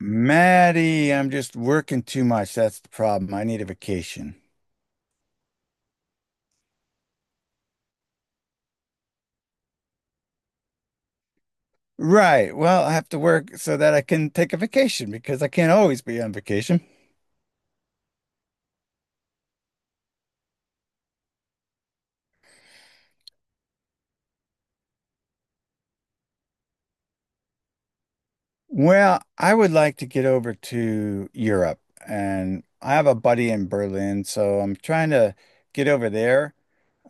Maddie, I'm just working too much. That's the problem. I need a vacation. Right. Well, I have to work so that I can take a vacation because I can't always be on vacation. Well, I would like to get over to Europe and I have a buddy in Berlin, so I'm trying to get over there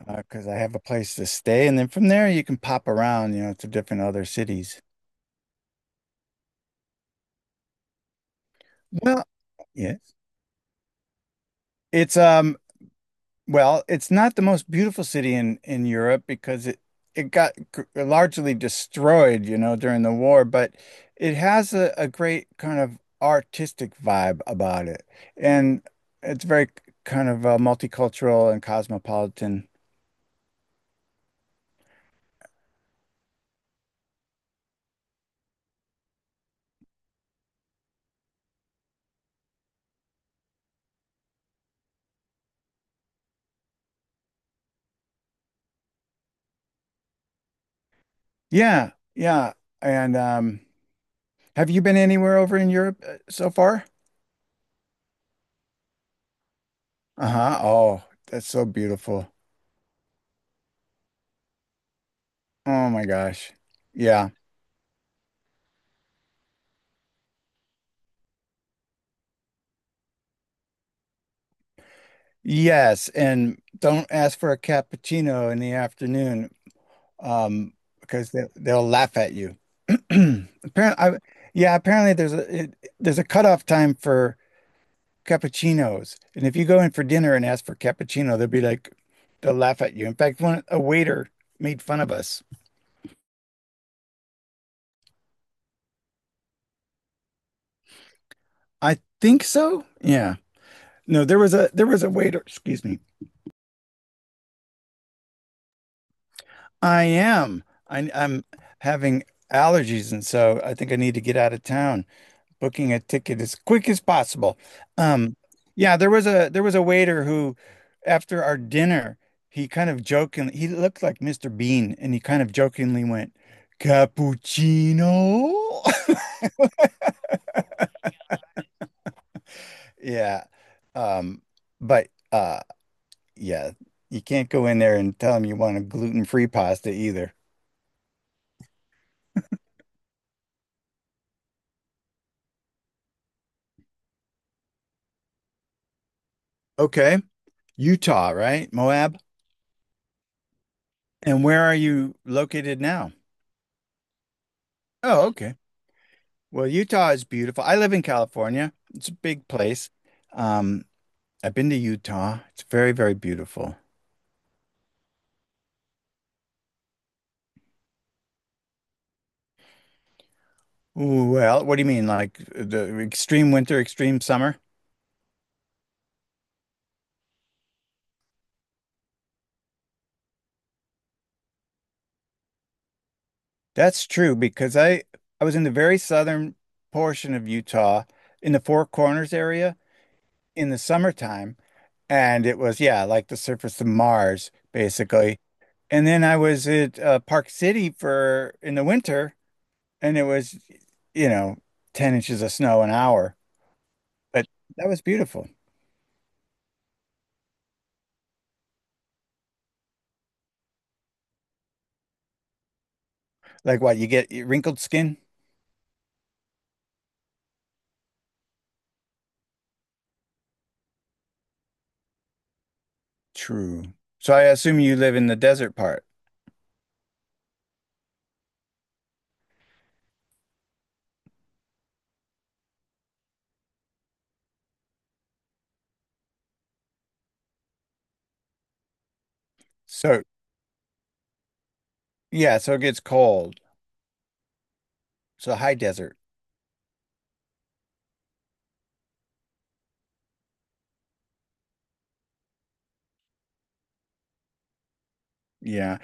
'cause because I have a place to stay. And then from there you can pop around, you know, to different other cities. Well, yes. It's Well, it's not the most beautiful city in Europe because it got largely destroyed, you know, during the war, but it has a great kind of artistic vibe about it. And it's very kind of multicultural and cosmopolitan. Yeah, yeah. And Have you been anywhere over in Europe so far? Uh-huh. Oh, that's so beautiful. Oh my gosh. Yeah. Yes, and don't ask for a cappuccino in the afternoon, um, because they'll laugh at you. Apparently, I, yeah, apparently there's a cutoff time for cappuccinos, and if you go in for dinner and ask for cappuccino, they'll laugh at you. In fact, one a waiter made fun of us. I think so. Yeah. No, there was a waiter. Excuse me. I am. I'm having allergies, and so I think I need to get out of town. Booking a ticket as quick as possible. Um, yeah, there was a waiter who, after our dinner, he kind of jokingly he looked like Mr. Bean, and he kind of jokingly went, "Cappuccino." Yeah, um, but uh, yeah, you can't go in there and tell them you want a gluten-free pasta either. Okay, Utah, right? Moab. And where are you located now? Oh, okay. Well, Utah is beautiful. I live in California. It's a big place. Um, I've been to Utah. It's very, very beautiful. Ooh, well, what do you mean, like the extreme winter, extreme summer? That's true because I was in the very southern portion of Utah, in the Four Corners area in the summertime, and it was, yeah, like the surface of Mars basically. And then I was at Park City for in the winter, and it was, you know, 10 inches of snow an hour. But that was beautiful. Like what, you get wrinkled skin? True. So I assume you live in the desert part. So yeah, so it gets cold. So high desert. Yeah.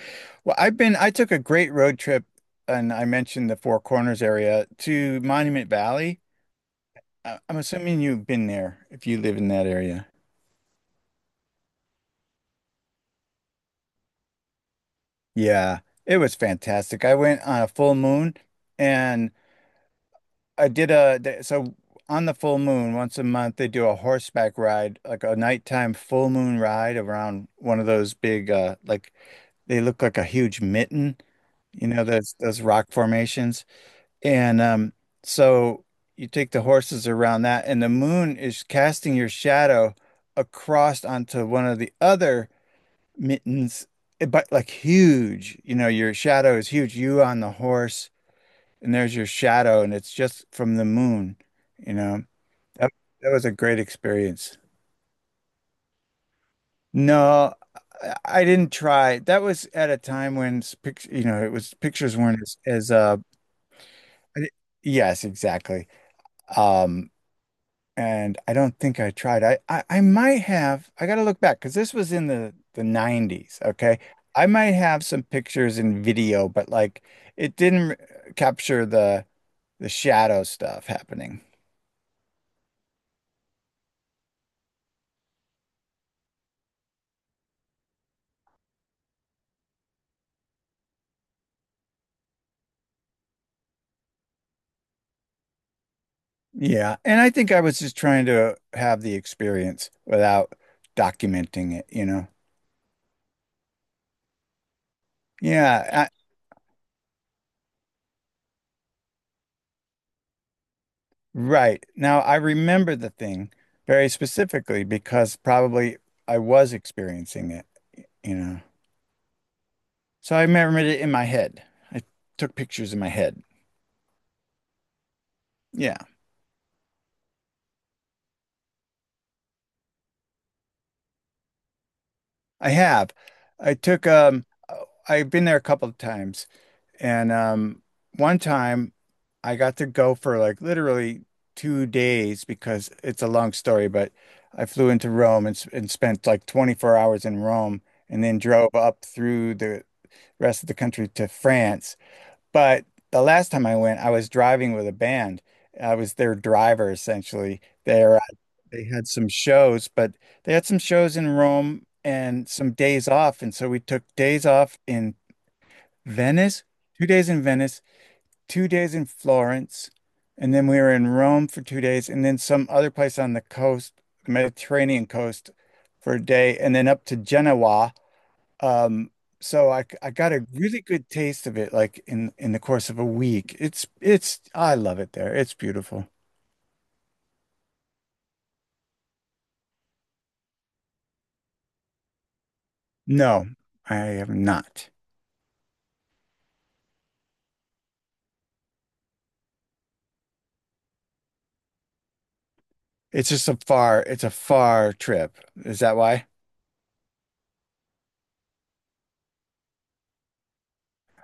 Well, I took a great road trip and I mentioned the Four Corners area to Monument Valley. I'm assuming you've been there if you live in that area. Yeah, it was fantastic. I went on a full moon, and I did a th- so on the full moon once a month they do a horseback ride, like a nighttime full moon ride around one of those big, like, they look like a huge mitten, you know, those rock formations. And so You take the horses around that and the moon is casting your shadow across onto one of the other mittens, eh, but like huge, you know, your shadow is huge, you on the horse and there's your shadow, and it's just from the moon. You know, that, that was a great experience. No, I didn't try. That was at a time when you know, it was pictures weren't as, I yes, exactly. Um, and I don't think I tried. I might have. I got to look back because this was in the nineties. Okay, I might have some pictures and video, but like it didn't capture the shadow stuff happening. Yeah, and I think I was just trying to have the experience without documenting it, you know? Yeah, I, right. Now I remember the thing very specifically because probably I was experiencing it, you know? So I remembered it in my head. I took pictures in my head. Yeah, I have. I took, I've been there a couple of times. And one time I got to go for like literally 2 days because it's a long story, but I flew into Rome and spent like 24 hours in Rome and then drove up through the rest of the country to France. But the last time I went, I was driving with a band. I was their driver essentially. They had some shows, but they had some shows in Rome and some days off. And so we took days off in Venice, 2 days in Venice, 2 days in Florence, and then we were in Rome for 2 days, and then some other place on the coast, Mediterranean coast, for a day, and then up to Genoa. Um, I got a really good taste of it, like in the course of a week. It's I love it there. It's beautiful. No, I am not. It's just a far it's a far trip. Is that why?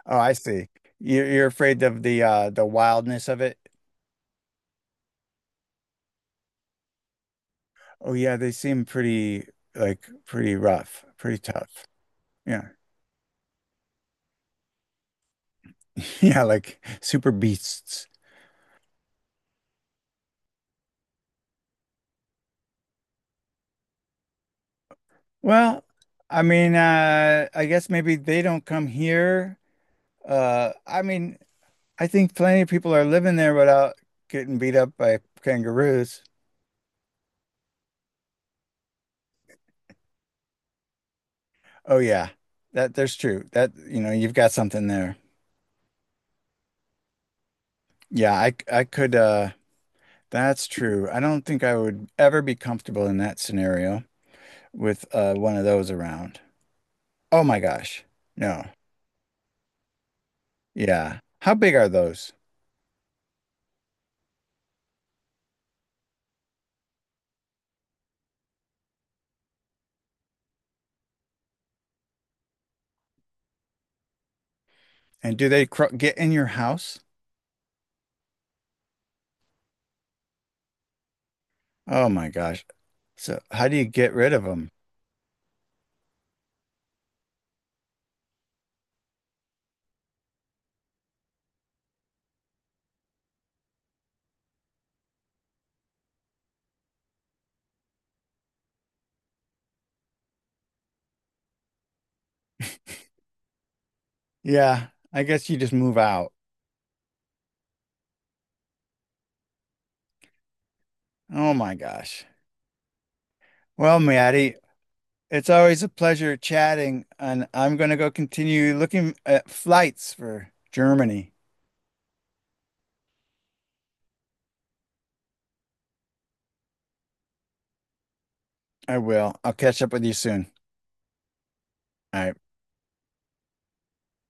Oh, I see. You're afraid of the wildness of it. Oh yeah, they seem pretty, like pretty rough, pretty tough. Yeah. Yeah, like super beasts. Well, I mean, I guess maybe they don't come here. I mean, I think plenty of people are living there without getting beat up by kangaroos. Oh yeah. That There's true. That, you know, you've got something there. Yeah, I could that's true. I don't think I would ever be comfortable in that scenario with one of those around. Oh my gosh. No. Yeah. How big are those? And do they cro get in your house? Oh my gosh. So how do you get rid of them? Yeah, I guess you just move out. Oh my gosh. Well, Maddie, it's always a pleasure chatting, and I'm going to go continue looking at flights for Germany. I will. I'll catch up with you soon. All right.